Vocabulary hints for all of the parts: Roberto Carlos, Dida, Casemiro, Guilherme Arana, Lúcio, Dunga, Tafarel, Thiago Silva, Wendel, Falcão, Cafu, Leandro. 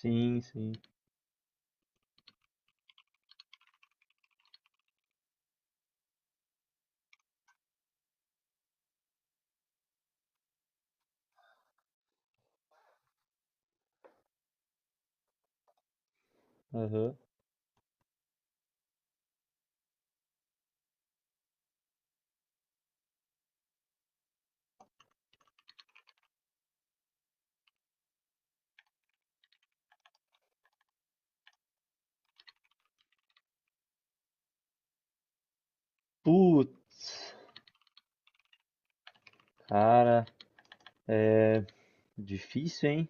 Sim, sim. Aham. Putz, cara, é difícil, hein?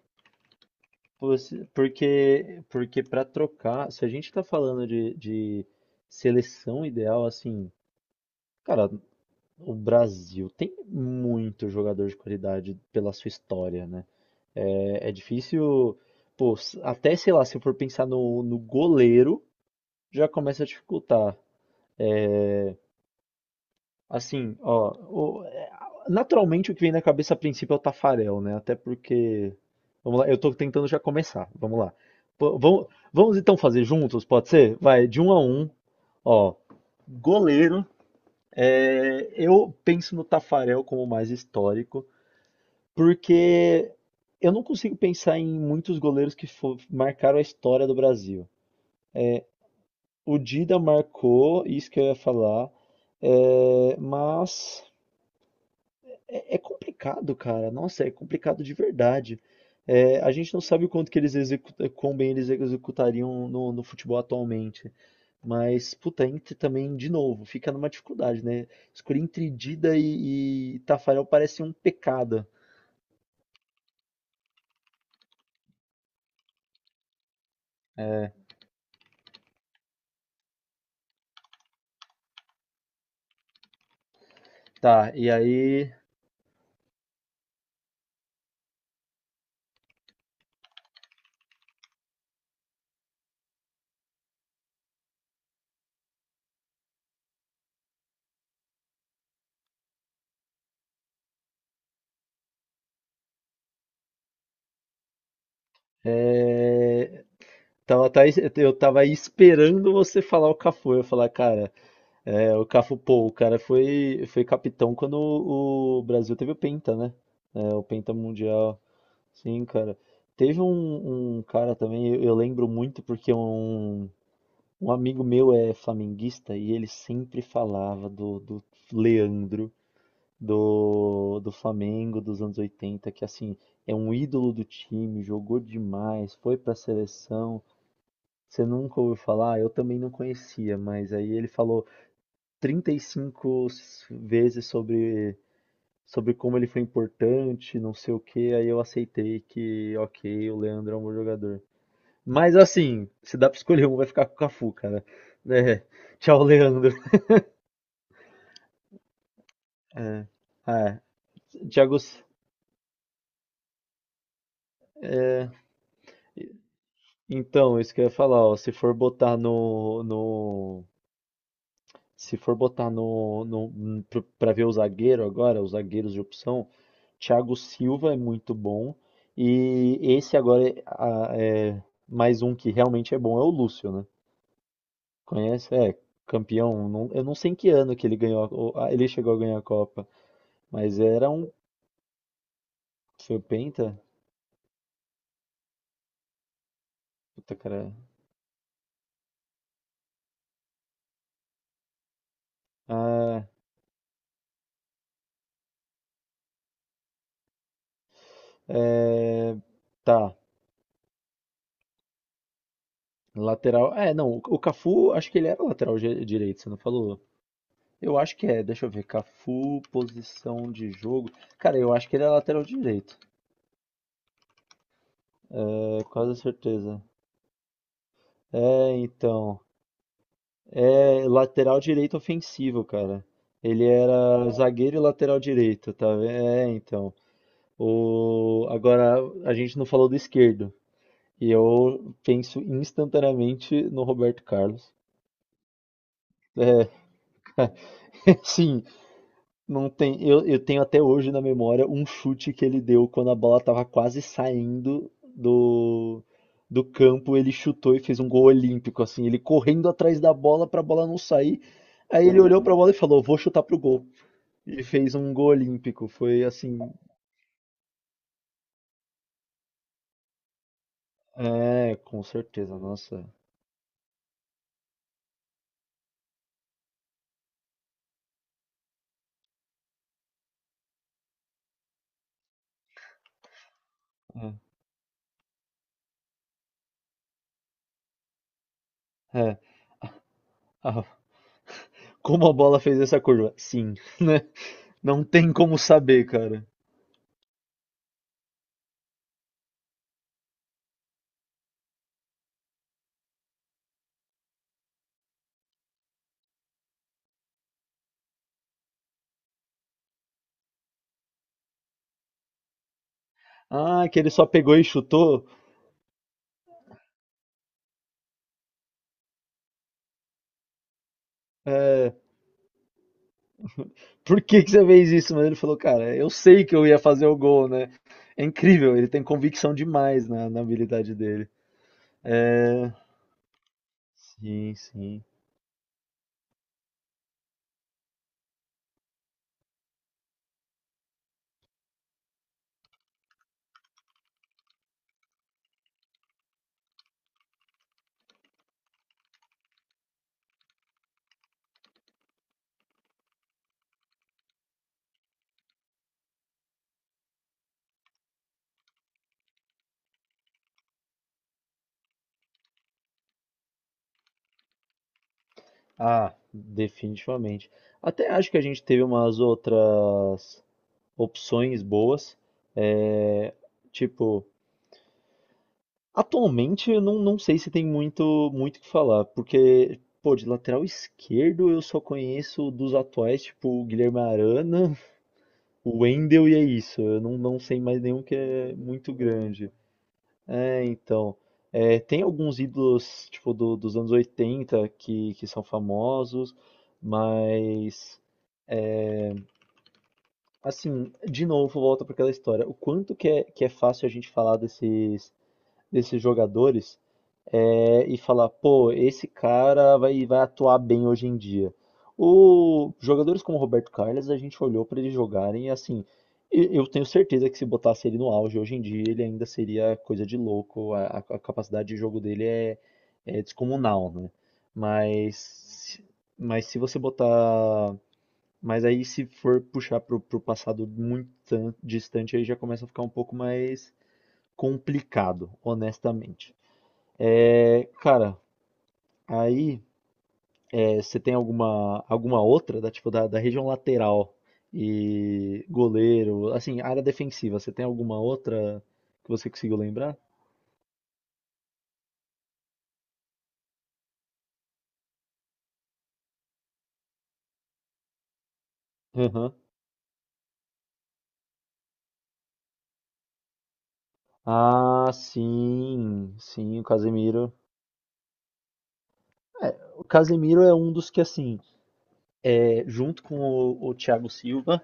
Porque para trocar, se a gente tá falando de seleção ideal, assim, cara, o Brasil tem muito jogador de qualidade pela sua história, né? É, é difícil, pô, até sei lá, se eu for pensar no goleiro, já começa a dificultar. É, Assim, ó, naturalmente o que vem na cabeça a princípio é o Tafarel, né? Até porque, vamos lá, eu tô tentando já começar, vamos lá. Pô, vamos então fazer juntos, pode ser? Vai, de um a um, ó, goleiro, eu penso no Tafarel como o mais histórico, porque eu não consigo pensar em muitos goleiros que marcaram a história do Brasil. O Dida marcou, isso que eu ia falar, é, mas... É, é complicado, cara. Nossa, é complicado de verdade. É, a gente não sabe o quanto que eles executam, quão bem eles executariam no, futebol atualmente. Mas, puta, Inter também, de novo, fica numa dificuldade, né? Escolher entre Dida e Tafarel parece um pecado. Tá, e aí. é, tava, tá- eu tava aí esperando você falar o Cafu. Eu ia falar, cara, o Cafu, pô, o cara foi capitão quando o Brasil teve o Penta, né? É, o Penta Mundial. Sim, cara. Teve um cara também, eu lembro muito porque um amigo meu é flamenguista e ele sempre falava do Leandro, do Flamengo dos anos 80 que assim, é um ídolo do time, jogou demais, foi pra seleção. Você nunca ouviu falar? Eu também não conhecia, mas aí ele falou 35 vezes sobre como ele foi importante, não sei o que aí eu aceitei que, ok, o Leandro é um bom jogador. Mas assim, se dá pra escolher um, vai ficar com o Cafu, cara. É. Tchau, Leandro. É. É. Thiago, S- então, isso que eu ia falar, ó, se for botar no, pra ver o zagueiro agora, os zagueiros de opção, Thiago Silva é muito bom e esse agora é mais um que realmente é bom é o Lúcio, né? Conhece? É campeão. Eu não sei em que ano que ele ganhou, ele chegou a ganhar a Copa, mas era um foi o Penta? Puta, cara. Ah, é... Tá. Lateral. É, não. O Cafu, acho que ele era lateral direito, você não falou? Eu acho que é. Deixa eu ver. Cafu, posição de jogo. Cara, eu acho que ele é lateral direito. É, quase certeza. É, então. É lateral direito ofensivo, cara. Ele era zagueiro e lateral direito, tá vendo? É, então. Agora, a gente não falou do esquerdo. E eu penso instantaneamente no Roberto Carlos. É, sim, não tem. Eu tenho até hoje na memória um chute que ele deu quando a bola estava quase saindo do campo. Ele chutou e fez um gol olímpico, assim, ele correndo atrás da bola para a bola não sair. Aí ele olhou para a bola e falou: Vou chutar pro gol. E fez um gol olímpico. Foi assim. É, com certeza, nossa. É, é. Ah, como a bola fez essa curva? Sim, não tem como saber, cara. Ah, que ele só pegou e chutou? É, por que que você fez isso? Mas ele falou, cara, eu sei que eu ia fazer o gol, né? É incrível, ele tem convicção demais na, habilidade dele. É, sim, sim. Ah, definitivamente. Até acho que a gente teve umas outras opções boas. É, tipo. Atualmente, eu não sei se tem muito muito o que falar, porque, pô, de lateral esquerdo eu só conheço dos atuais, tipo, o Guilherme Arana, o Wendel e é isso. Eu não sei mais nenhum que é muito grande. É, então. Tem alguns ídolos, tipo, dos anos 80 que são famosos, mas. Assim, de novo, volta para aquela história. O quanto que é fácil a gente falar desses, desses jogadores e falar, pô, esse cara vai atuar bem hoje em dia. Jogadores como o Roberto Carlos, a gente olhou para eles jogarem e assim, eu tenho certeza que se botasse ele no auge hoje em dia, ele ainda seria coisa de louco, a capacidade de jogo dele é descomunal, né? Mas, mas se você botar. Mas aí se for puxar pro, passado muito distante, aí já começa a ficar um pouco mais complicado, honestamente. É, cara, aí, você tem alguma outra da, tipo, da região lateral e goleiro, assim, área defensiva, você tem alguma outra que você conseguiu lembrar? Aham. Ah, sim, sim, o Casemiro. É, o Casemiro é um dos que, assim, junto com o Thiago Silva,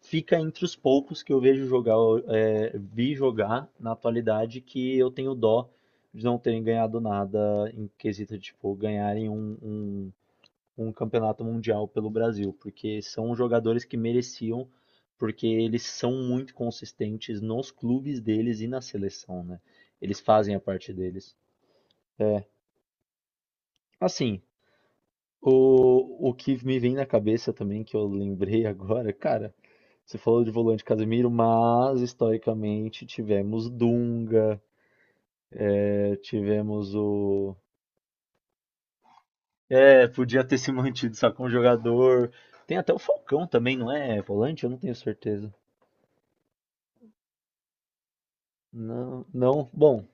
fica entre os poucos que eu vejo jogar, vi jogar na atualidade, que eu tenho dó de não terem ganhado nada em quesito de, tipo, ganharem um, um campeonato mundial pelo Brasil, porque são jogadores que mereciam, porque eles são muito consistentes nos clubes deles e na seleção, né? Eles fazem a parte deles. Assim, o que me vem na cabeça também, que eu lembrei agora, cara, você falou de volante Casemiro, mas historicamente tivemos Dunga, é, tivemos o. É, podia ter se mantido só com o jogador. Tem até o Falcão também, não é volante? Eu não tenho certeza. Não, não. Bom,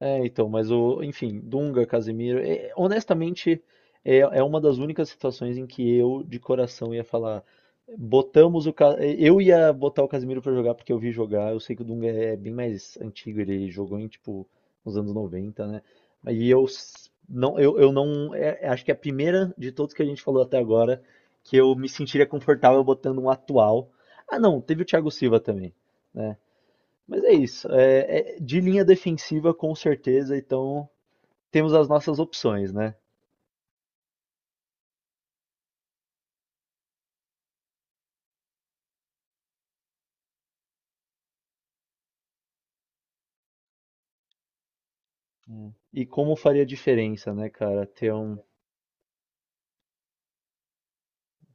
é, então, enfim, Dunga, Casemiro, honestamente, é uma das únicas situações em que eu, de coração, ia falar. Eu ia botar o Casemiro pra jogar porque eu vi jogar, eu sei que o Dunga é bem mais antigo, ele jogou nos anos 90, né? E eu não, eu não, é- é- acho que é a primeira de todos que a gente falou até agora que eu me sentiria confortável botando um atual. Ah, não, teve o Thiago Silva também, né? Mas é isso. De linha defensiva, com certeza. Então, temos as nossas opções, né? Hum. E como faria diferença, né, cara? Ter um.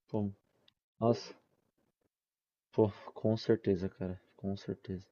Pô, nossa, pô, com certeza, cara. Com certeza.